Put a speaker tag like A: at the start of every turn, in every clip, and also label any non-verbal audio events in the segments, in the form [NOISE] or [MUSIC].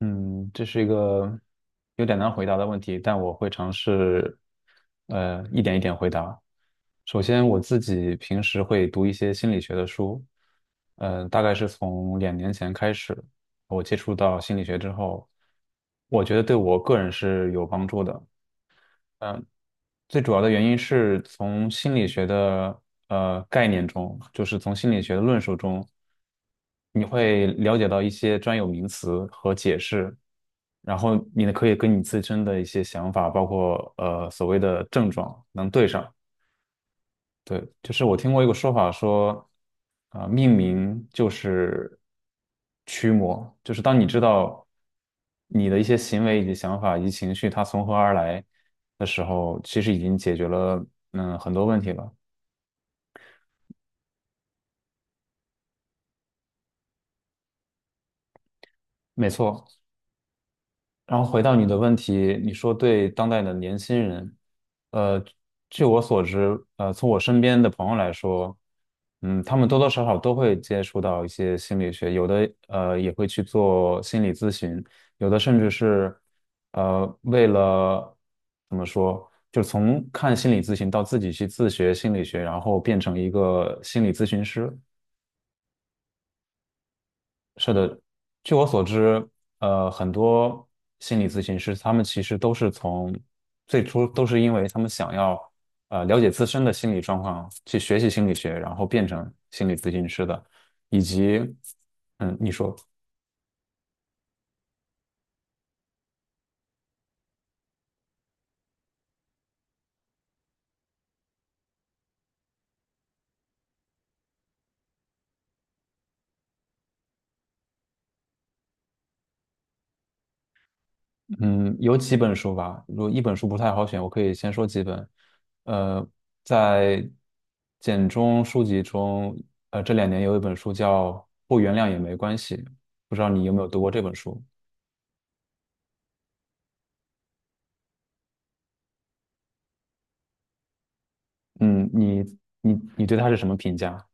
A: 嗯，这是一个有点难回答的问题，但我会尝试，一点一点回答。首先，我自己平时会读一些心理学的书，大概是从两年前开始，我接触到心理学之后，我觉得对我个人是有帮助的。最主要的原因是从心理学的概念中，就是从心理学的论述中，你会了解到一些专有名词和解释，然后你呢可以跟你自身的一些想法，包括所谓的症状能对上。对，就是我听过一个说法说，命名就是驱魔，就是当你知道你的一些行为以及想法以及情绪它从何而来的时候，其实已经解决了很多问题了。没错，然后回到你的问题，你说对当代的年轻人，呃，据我所知，从我身边的朋友来说，他们多多少少都会接触到一些心理学，有的也会去做心理咨询，有的甚至是为了怎么说，就是从看心理咨询到自己去自学心理学，然后变成一个心理咨询师。是的，据我所知，很多心理咨询师他们其实都是从最初都是因为他们想要了解自身的心理状况，去学习心理学，然后变成心理咨询师的，以及你说嗯，有几本书吧，如果一本书不太好选，我可以先说几本，呃，在简中书籍中，这两年有一本书叫《不原谅也没关系》，不知道你有没有读过这本书。嗯，你你对他是什么评价？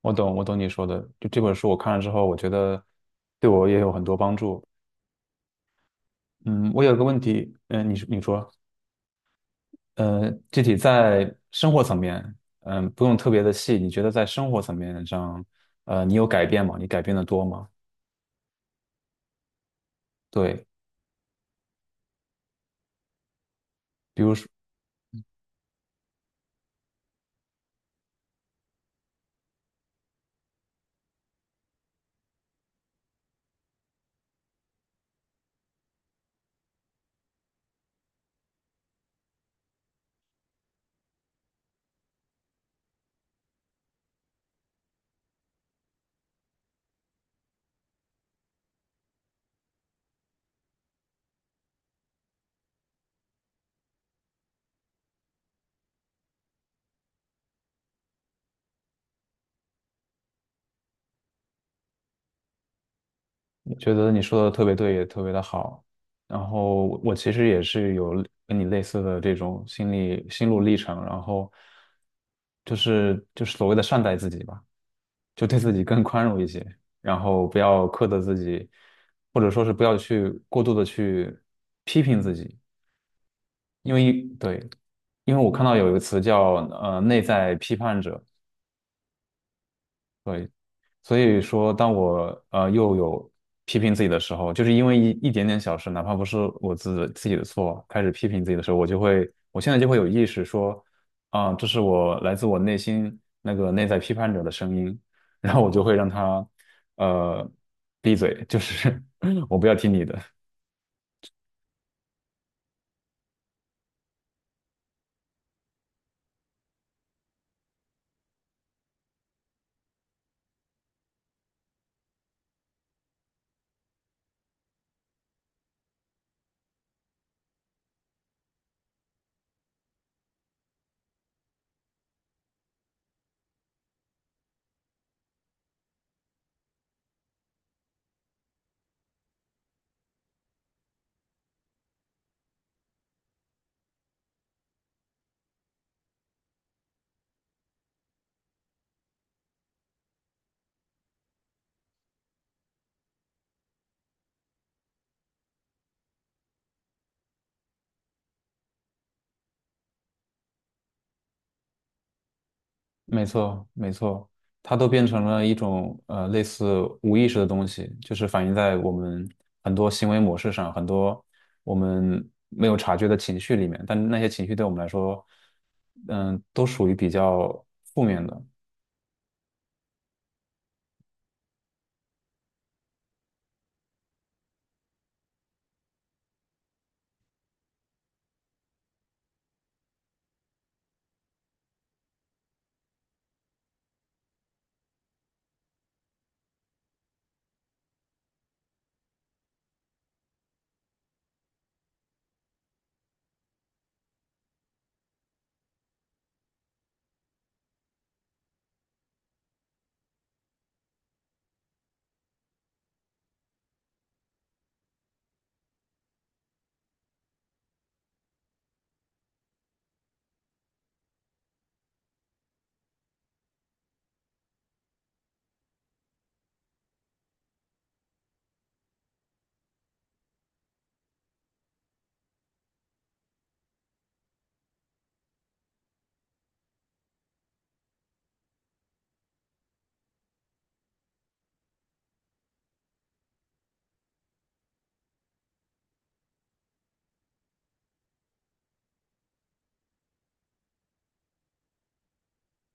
A: 我懂，我懂你说的。就这本书我看了之后，我觉得对我也有很多帮助。嗯，我有个问题，你说，具体在生活层面，不用特别的细，你觉得在生活层面上，你有改变吗？你改变的多吗？对，比如说，觉得你说的特别对，也特别的好。然后我其实也是有跟你类似的这种心理心路历程，然后就是所谓的善待自己吧，就对自己更宽容一些，然后不要苛责自己，或者说是不要去过度的去批评自己，因为对，因为我看到有一个词叫内在批判者。对。所以说，当我又有批评自己的时候，就是因为一点点小事，哪怕不是我自己的错，开始批评自己的时候，我就会，我现在就会有意识说，这是我来自我内心那个内在批判者的声音，然后我就会让他呃闭嘴，就是 [LAUGHS] 我不要听你的。没错，没错，它都变成了一种类似无意识的东西，就是反映在我们很多行为模式上，很多我们没有察觉的情绪里面。但那些情绪对我们来说，都属于比较负面的。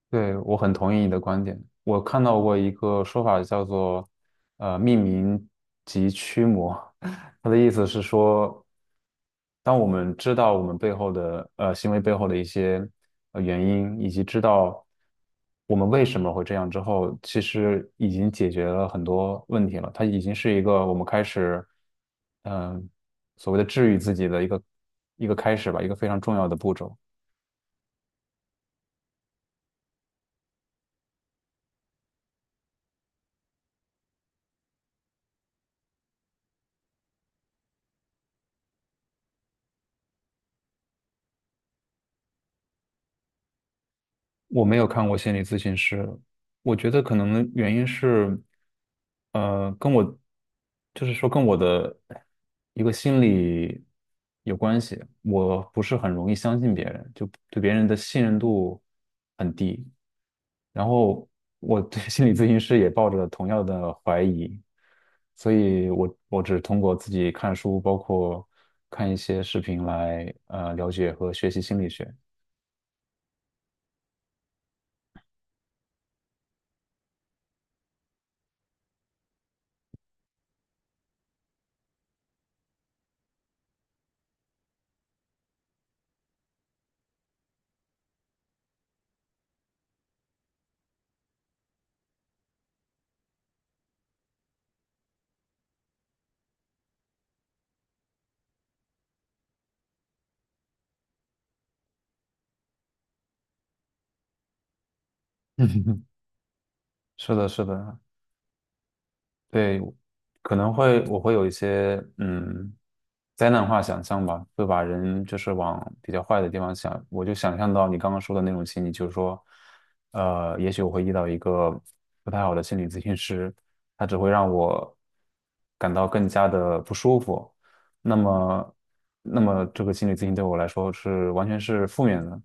A: 对，我很同意你的观点。我看到过一个说法叫做命名及驱魔，[LAUGHS] 它的意思是说。当我们知道我们背后的行为背后的一些原因，以及知道我们为什么会这样之后，其实已经解决了很多问题了。它已经是一个我们开始嗯、所谓的治愈自己的一个开始吧，一个非常重要的步骤。我没有看过心理咨询师，我觉得可能原因是，跟我，就是说跟我的一个心理有关系。我不是很容易相信别人，就对别人的信任度很低。然后我对 [LAUGHS] 心理咨询师也抱着同样的怀疑，所以我只通过自己看书，包括看一些视频来了解和学习心理学。[LAUGHS] 是的，是的，对，可能会我会有一些灾难化想象吧，会把人就是往比较坏的地方想。我就想象到你刚刚说的那种情景，就是说，也许我会遇到一个不太好的心理咨询师，他只会让我感到更加的不舒服。那么，这个心理咨询对我来说是完全是负面的，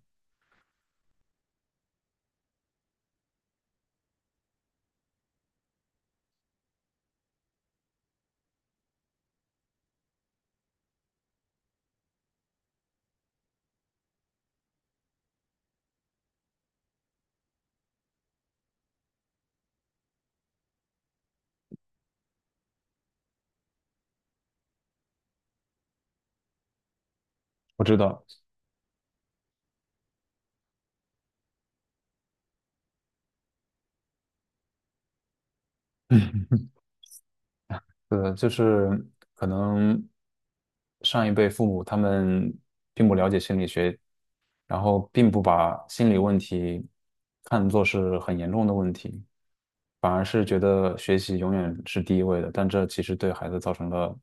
A: 我知道。就是可能上一辈父母他们并不了解心理学，然后并不把心理问题看作是很严重的问题，反而是觉得学习永远是第一位的，但这其实对孩子造成了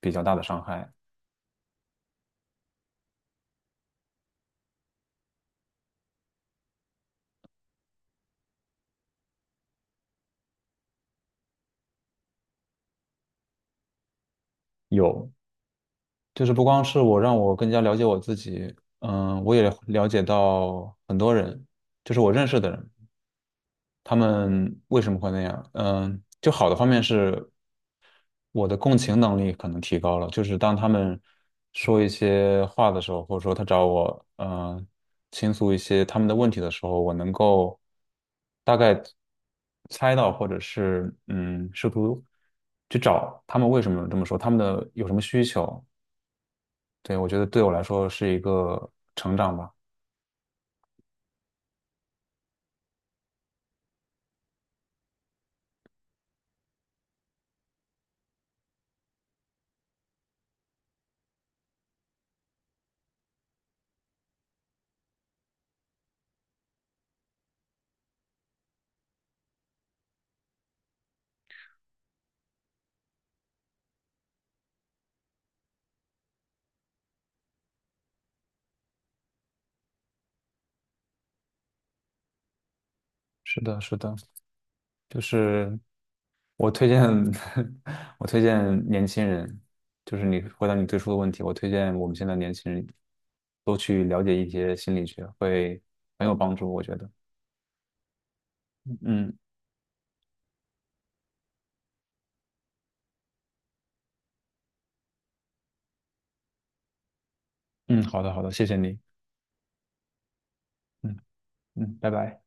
A: 比较大的伤害。有，就是不光是我让我更加了解我自己，我也了解到很多人，就是我认识的人，他们为什么会那样？嗯，就好的方面是。我的共情能力可能提高了，就是当他们说一些话的时候，或者说他找我，呃倾诉一些他们的问题的时候，我能够大概猜到，或者是试图去找他们为什么这么说，他们的有什么需求。对，我觉得对我来说是一个成长吧。是的，是的，就是我推荐，[LAUGHS] 我推荐年轻人，就是你回答你最初的问题，我推荐我们现在年轻人都去了解一些心理学，会很有帮助，我觉得。嗯嗯，好的好的，谢谢你。嗯嗯，拜拜。